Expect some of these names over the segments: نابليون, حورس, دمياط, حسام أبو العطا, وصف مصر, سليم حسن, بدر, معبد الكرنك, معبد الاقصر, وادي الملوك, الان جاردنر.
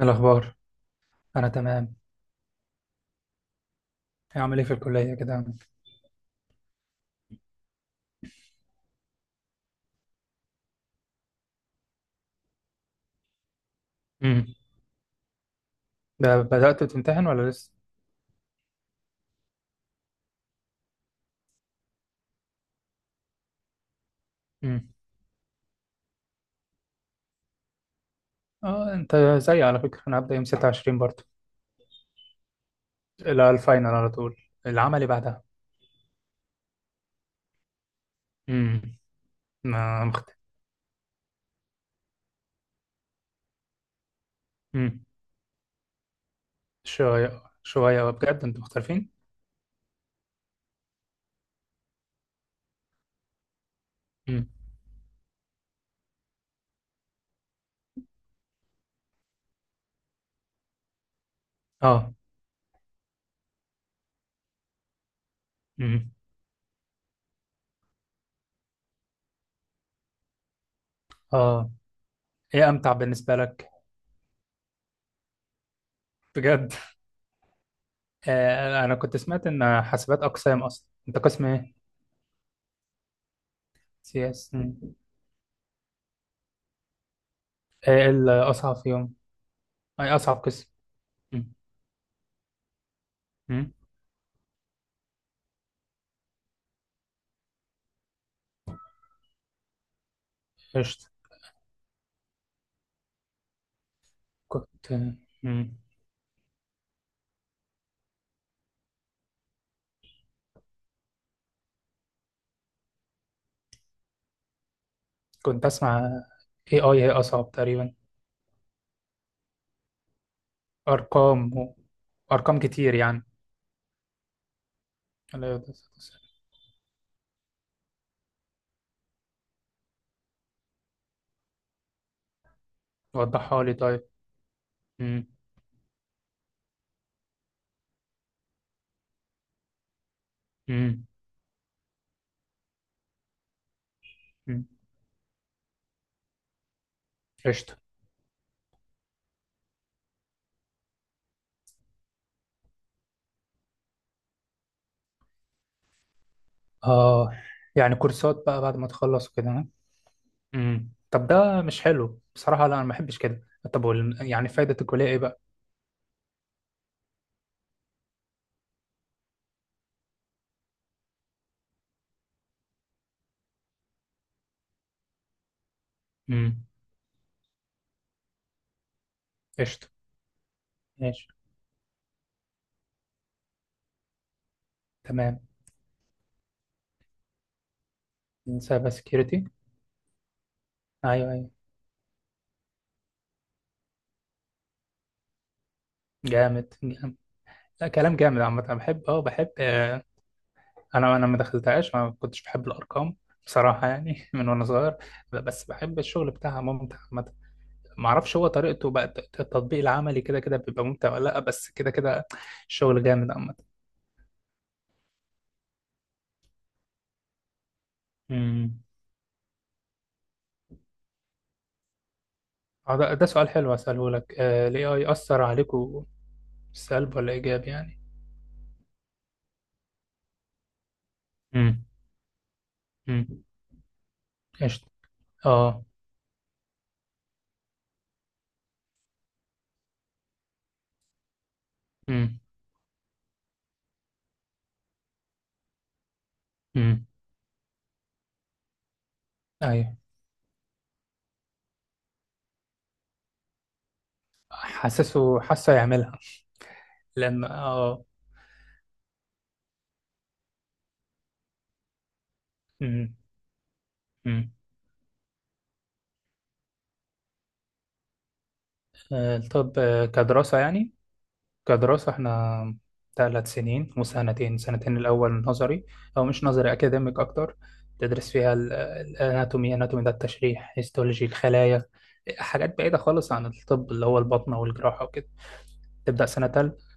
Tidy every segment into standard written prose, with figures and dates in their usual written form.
إيه الأخبار؟ أنا تمام. إيه عامل إيه في الكلية كده؟ امم. بدأت تمتحن ولا لسه؟ امم. آه، أنت زيي على فكرة، أنا هبدأ يوم 26 برضه. لا، الفاينل على طول. العملي بعدها. امم. ما مخت... امم. شوية شوية، بجد أنتوا مختلفين؟ امم. آه. امم. آه. إيه أمتع بالنسبة لك؟ بجد؟ آه، أنا كنت سمعت إن حاسبات أقسام، أصلا أنت قسم إيه؟ سي إس. إيه الأصعب فيهم؟ أي أصعب قسم؟ امم. قشطة. كنت. مم. كنت أسمع AI هي أصعب تقريبا. أرقام و... أرقام كتير يعني. لا، يا دكتور. وضحها لي طيب. مم. مم. مم. قشطة. آه، يعني كورسات بقى بعد ما تخلص وكده، ها؟ مم. طب ده مش حلو بصراحة، لا أنا ما بحبش كده. طب يعني فايدة الكلية إيه بقى؟ مم. قشطة. ماشي. تمام. سايبر سكيورتي. أيوه أيوه. جامد جامد. لا كلام جامد، عامة أنا بحب انا ما دخلتهاش، ما كنتش بحب الارقام بصراحه يعني، من وانا صغير. بس بحب الشغل بتاعها، ممتع عامه. ما اعرفش هو طريقته بقى، التطبيق العملي كده كده بيبقى ممتع ولا لا، بس كده كده. الشغل جامد عامه. امم. ده سؤال حلو اساله لك، الاي اي اثر عليكم سلب ولا ايجاب يعني؟ امم. امم. قشطه. اه. امم. امم. ايوه. حاسه يعملها. لما اه امم. امم. آه، طب، كدراسه يعني. كدراسة احنا ثلاث سنين، وسنتين، سنتين الأول نظري، أو مش نظري، أكاديميك أكتر. تدرس فيها الأناتومي. أناتومي ده التشريح، هيستولوجي الخلايا. حاجات بعيدة خالص عن الطب، اللي هو البطنة والجراحة وكده. تبدأ سنة تالتة.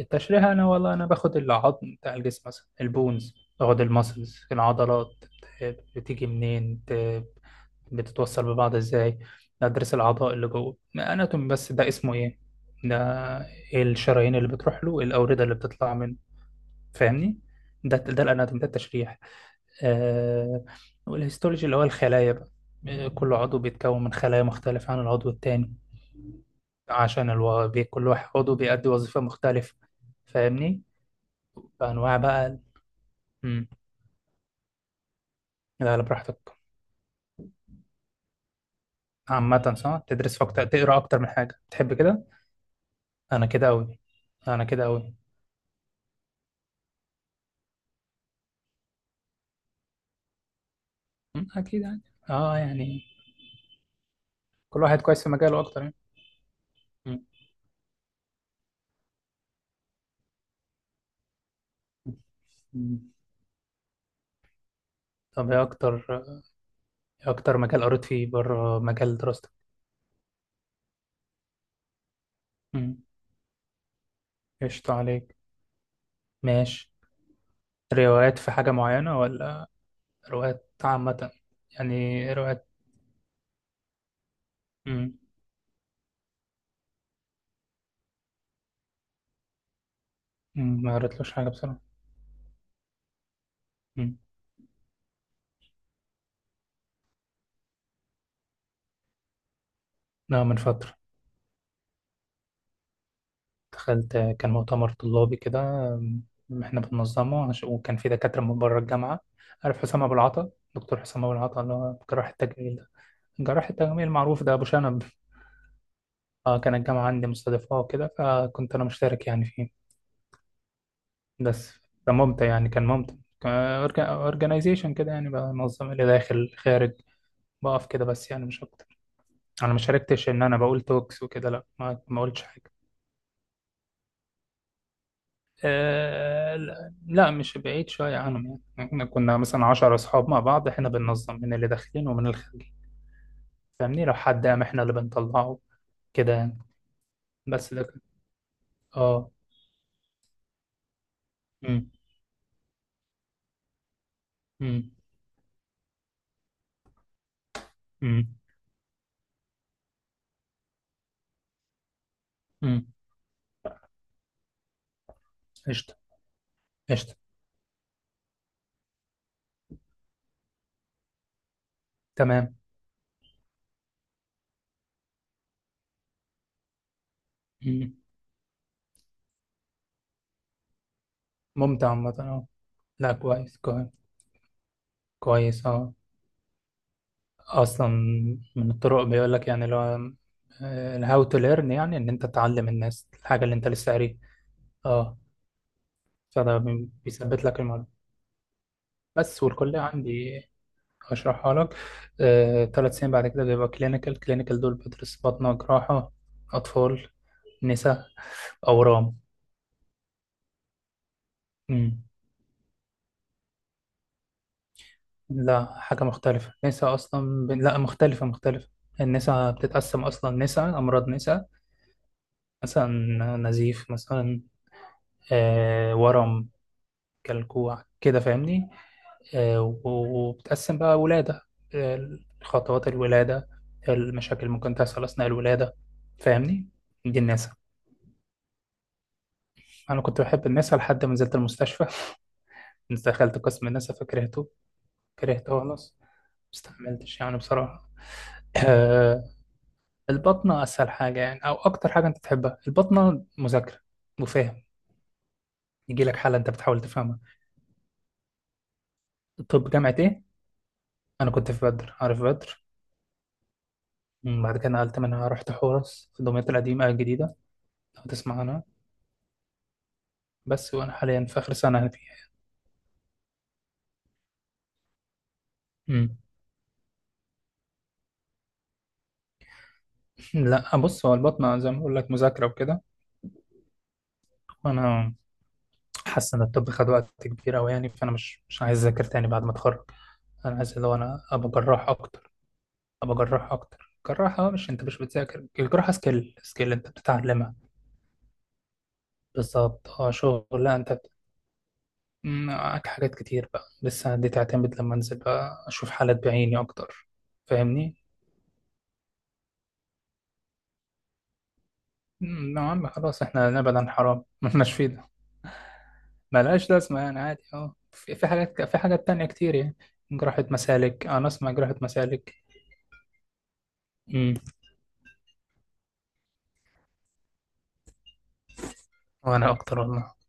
التشريح، أنا والله أنا باخد العظم بتاع الجسم مثلا، البونز، باخد المسلز، العضلات، بتيجي منين، بتتوصل ببعض ازاي، ادرس الاعضاء اللي جوه، اناتومي بس ده اسمه ايه، ده، ايه الشرايين اللي بتروح له، إيه الاورده اللي بتطلع منه، فاهمني؟ ده الاناتومي، ده التشريح. آه. والهيستولوجي اللي هو الخلايا بقى. كل عضو بيتكون من خلايا مختلفة عن العضو التاني، عشان كل واحد عضو بيأدي وظيفة مختلفة، فاهمني؟ فأنواع بقى مم. لا لا، براحتك. عامة صح، تدرس فاكتور تقرا أكتر من حاجة تحب كده. أنا كده أوي. أنا كده أوي. مم، اكيد يعني. اه يعني. كل واحد كويس في مجاله اكتر يعني. مم. مم. طب ايه اكتر، ايه اكتر مجال قريت فيه بره مجال دراستك؟ مم. قشطة عليك. ماشي. روايات، في حاجة معينة، ولا روايات عامة، يعني روايات؟ مم. مم، ما قريتلوش حاجة بصراحة. مم. لا، من فترة. دخلت، كان مؤتمر طلابي كده. مم، احنا بننظمه، وكان في دكاترة من بره الجامعة. عارف حسام أبو العطا؟ دكتور حسام أبو العطا اللي هو جراح التجميل ده، جراح التجميل المعروف ده، أبو شنب. اه، كان الجامعة عندي مستضيفاه وكده، فكنت أنا مشترك يعني فيه. بس فممتع يعني، كان ممتع. اورجنايزيشن كده، يعني بنظم اللي داخل خارج، بقف كده بس، يعني مش أكتر. أنا ما شاركتش إن أنا بقول توكس وكده، لا، ما قلتش حاجة. آه لا لا، مش بعيد شوية عنهم، يعني احنا كنا مثلا عشر أصحاب مع بعض، احنا بننظم من اللي داخلين ومن الخارجين، فاهمني؟ لو حد قام، احنا اللي بنطلعه، كده يعني. بس ده كان. اه. امم. امم. امم. امم. قشطة. قشطة. تمام. مم. ممتع عامة، اه. لا، كويس كويس. كويس اه. اصلا، من الطرق بيقول لك يعني، لو الهاو تو ليرن، يعني ان انت تعلم الناس الحاجة اللي انت لسه قاريها. اه. فده بيثبت لك المعلومة. بس والكلية عندي هشرحها لك. تلات سنين بعد كده بيبقى كلينيكال، كلينيكال دول بدرس بطنة، جراحة، أطفال، نساء، أورام. مم. لا، حاجة مختلفة، نساء أصلا لا، مختلفة مختلفة. النساء بتتقسم أصلا نساء أمراض، نساء مثلا نزيف مثلا، ورم كلكوع كده، فاهمني؟ آه، و- وبتقسم بقى ولادة، خطوات الولادة، المشاكل ممكن تحصل أثناء الولادة، فاهمني؟ دي النساء. أنا كنت بحب النساء لحد ما نزلت المستشفى. دخلت قسم النساء فكرهته، كرهته خلاص، مستحملتش يعني بصراحة. آه، البطنة أسهل حاجة يعني، أو أكتر حاجة أنت تحبها البطنة، مذاكرة وفهم، يجي لك حالة أنت بتحاول تفهمها. طب جامعة إيه؟ انا كنت في بدر، عارف بدر. مم، بعد كده نقلت منها، رحت حورس في دمياط القديمه الجديده، لو تسمع عنها. بس وانا حاليا في اخر سنه فيها. مم. لا، بص، هو البطنه زي ما بقول لك، مذاكره وكده، وانا حاسس ان الطب خد وقت كبير قوي يعني، فانا مش عايز اذاكر تاني بعد ما اتخرج. انا عايز اللي هو انا ابقى جراح اكتر، ابقى جراح اكتر جراحه، مش انت مش بتذاكر الجراحه، سكيل سكيل انت بتتعلمها. بالظبط، شغل، لا انت. مم، معاك حاجات كتير بقى لسه، دي تعتمد لما انزل بقى اشوف حالات بعيني اكتر، فاهمني؟ مم، يا عم خلاص، احنا نبعد عن حرام مالناش فيه ده. ملهاش لازمه يعني، عادي. اه في حاجات، في حاجات تانية كتير يعني. جراحة مسالك، انا اسمع جراحة مسالك. مم، وانا اكتر والله.